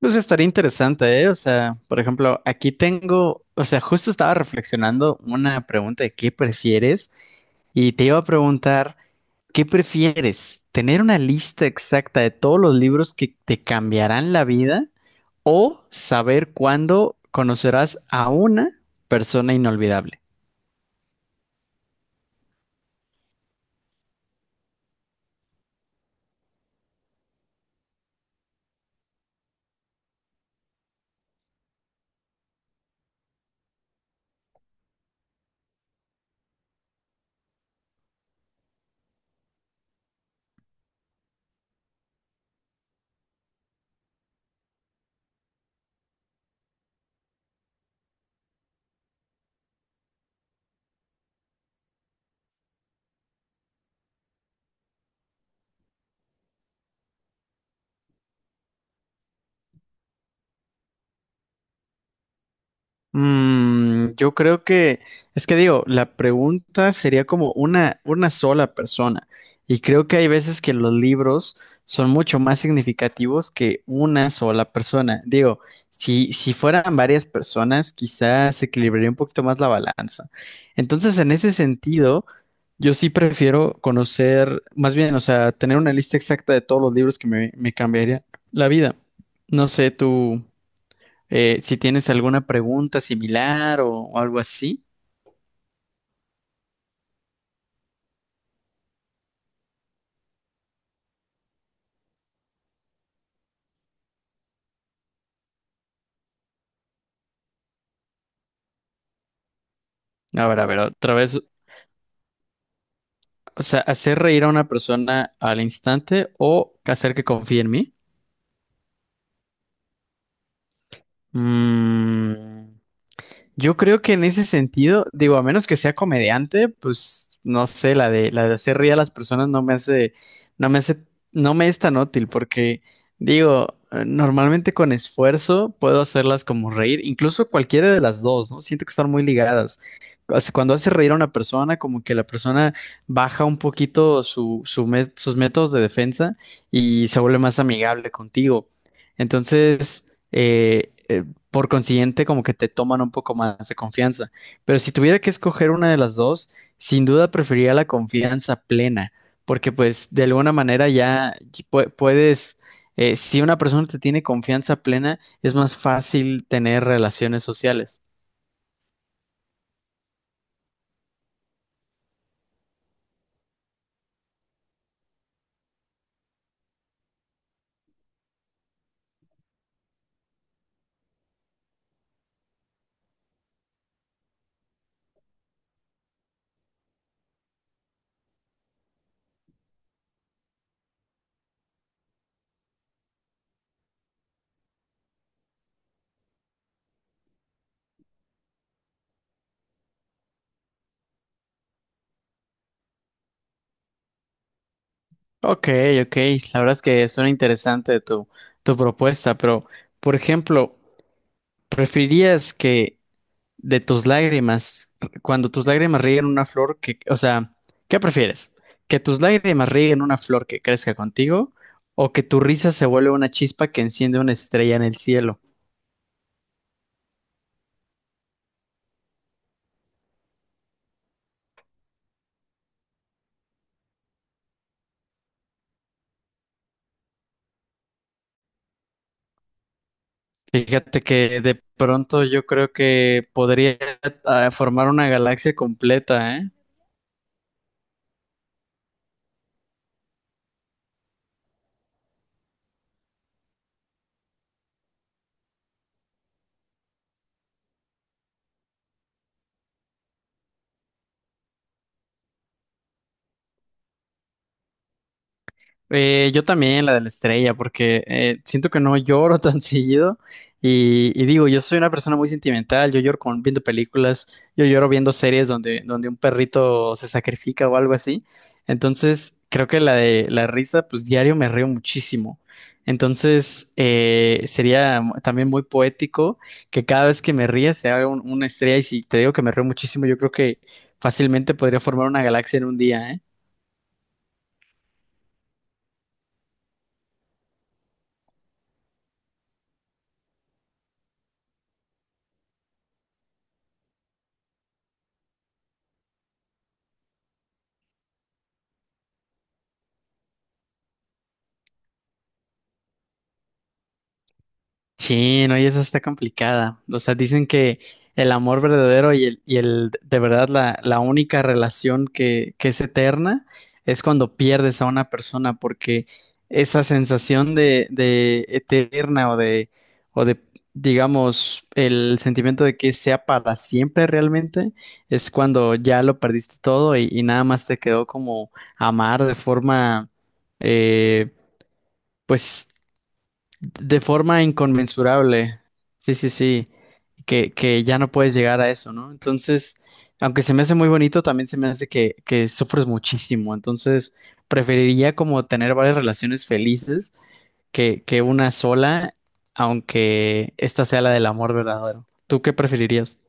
Pues estaría interesante, ¿eh? O sea, por ejemplo, aquí tengo, o sea, justo estaba reflexionando una pregunta de qué prefieres y te iba a preguntar, ¿qué prefieres? ¿Tener una lista exacta de todos los libros que te cambiarán la vida o saber cuándo conocerás a una persona inolvidable? Yo creo que, es que digo, la pregunta sería como una sola persona. Y creo que hay veces que los libros son mucho más significativos que una sola persona. Digo, si fueran varias personas, quizás se equilibraría un poquito más la balanza. Entonces, en ese sentido, yo sí prefiero conocer, más bien, o sea, tener una lista exacta de todos los libros que me cambiaría la vida. No sé, tú. Si tienes alguna pregunta similar o algo así. A ver, otra vez. O sea, hacer reír a una persona al instante o hacer que confíe en mí. Mm, Yo creo que en ese sentido, digo, a menos que sea comediante, pues no sé, la de hacer reír a las personas no me hace, no me hace, no me es tan útil porque digo, normalmente con esfuerzo puedo hacerlas como reír, incluso cualquiera de las dos, ¿no? Siento que están muy ligadas. Cuando hace reír a una persona, como que la persona baja un poquito sus métodos de defensa y se vuelve más amigable contigo. Entonces, eh, eh, por consiguiente, como que te toman un poco más de confianza. Pero si tuviera que escoger una de las dos, sin duda preferiría la confianza plena, porque pues de alguna manera ya puedes, si una persona te tiene confianza plena, es más fácil tener relaciones sociales. Ok, ok, la verdad es que suena interesante tu propuesta, pero por ejemplo, ¿preferirías que de tus lágrimas, cuando tus lágrimas rieguen una flor que, o sea, qué prefieres? ¿Que tus lágrimas rieguen una flor que crezca contigo o que tu risa se vuelva una chispa que enciende una estrella en el cielo? Fíjate que de pronto yo creo que podría, formar una galaxia completa, ¿eh? Yo también, la de la estrella, porque siento que no lloro tan seguido. Y digo, yo soy una persona muy sentimental, yo lloro con, viendo películas, yo lloro viendo series donde, un perrito se sacrifica o algo así. Entonces, creo que la de la risa, pues diario me río muchísimo. Entonces, sería también muy poético que cada vez que me ría se haga una estrella. Y si te digo que me río muchísimo, yo creo que fácilmente podría formar una galaxia en un día, ¿eh? Sí, no, y esa está complicada. O sea, dicen que el amor verdadero y el de verdad la única relación que es eterna es cuando pierdes a una persona, porque esa sensación de eterna o de, digamos, el sentimiento de que sea para siempre realmente, es cuando ya lo perdiste todo y nada más te quedó como amar eh, pues de forma inconmensurable. Sí, sí, sí. Que ya no puedes llegar a eso, ¿no? Entonces, aunque se me hace muy bonito, también se me hace que sufres muchísimo. Entonces, preferiría como tener varias relaciones felices que una sola, aunque esta sea la del amor verdadero. ¿Tú qué preferirías?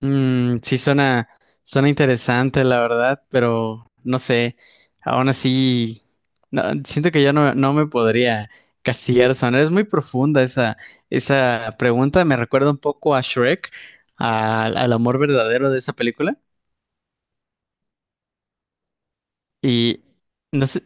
Sí, suena interesante, la verdad, pero no sé, aún así, no, siento que yo no me podría castigar, es muy profunda esa pregunta, me recuerda un poco a Shrek, al amor verdadero de esa película, y no sé,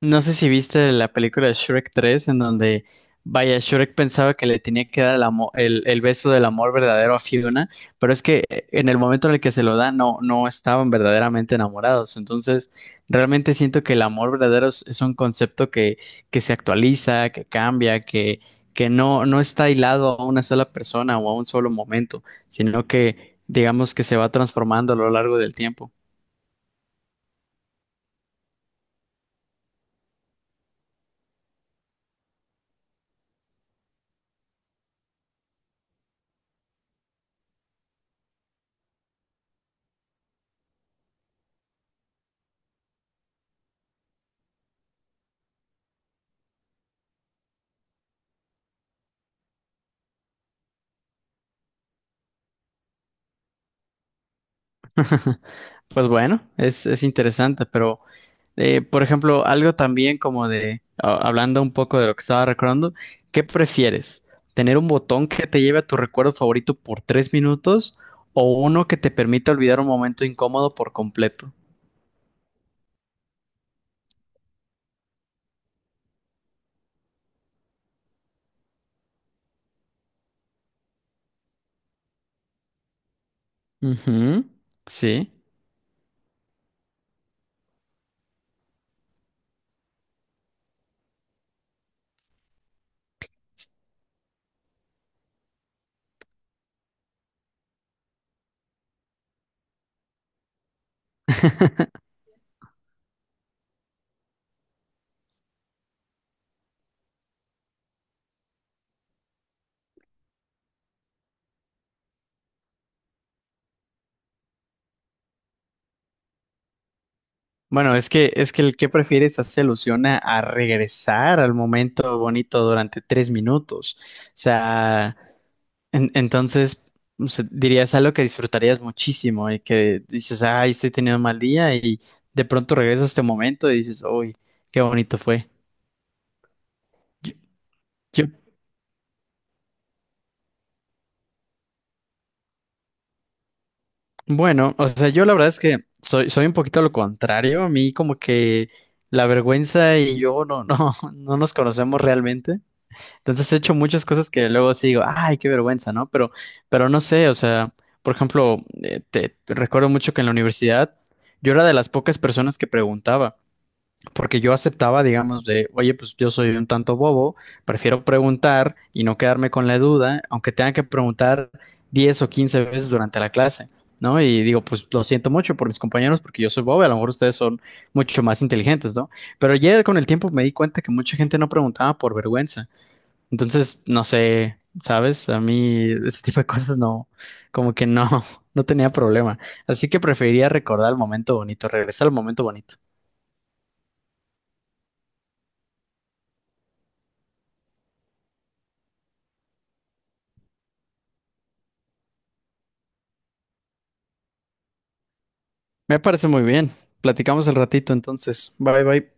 no sé si viste la película Shrek 3 en donde, vaya, Shrek pensaba que le tenía que dar el beso del amor verdadero a Fiona, pero es que en el momento en el que se lo da, no estaban verdaderamente enamorados. Entonces, realmente siento que el amor verdadero es un concepto que se actualiza, que cambia, que no está hilado a una sola persona o a un solo momento, sino que digamos que se va transformando a lo largo del tiempo. Pues bueno, es interesante, pero por ejemplo, algo también como hablando un poco de lo que estaba recordando, ¿qué prefieres? ¿Tener un botón que te lleve a tu recuerdo favorito por 3 minutos o uno que te permita olvidar un momento incómodo por completo? Ujú. Sí. Bueno, es que, el que prefieres hace alusión a regresar al momento bonito durante 3 minutos. O sea, entonces, o sea, dirías algo que disfrutarías muchísimo y que dices, ay, estoy teniendo un mal día y de pronto regreso a este momento y dices, uy, qué bonito fue. Yo, yo- bueno, o sea, yo la verdad es que soy un poquito lo contrario. A mí como que la vergüenza y yo no nos conocemos realmente. Entonces he hecho muchas cosas que luego sí digo, ay, qué vergüenza, ¿no? Pero no sé, o sea, por ejemplo, te recuerdo mucho que en la universidad yo era de las pocas personas que preguntaba. Porque yo aceptaba, digamos, de, oye, pues yo soy un tanto bobo, prefiero preguntar y no quedarme con la duda, aunque tenga que preguntar 10 o 15 veces durante la clase, ¿no? Y digo, pues lo siento mucho por mis compañeros porque yo soy bobo, y a lo mejor ustedes son mucho más inteligentes, ¿no? Pero ya con el tiempo me di cuenta que mucha gente no preguntaba por vergüenza. Entonces, no sé, ¿sabes? A mí ese tipo de cosas no, como que no, no tenía problema. Así que preferiría recordar el momento bonito, regresar al momento bonito. Me parece muy bien. Platicamos el ratito entonces. Bye bye.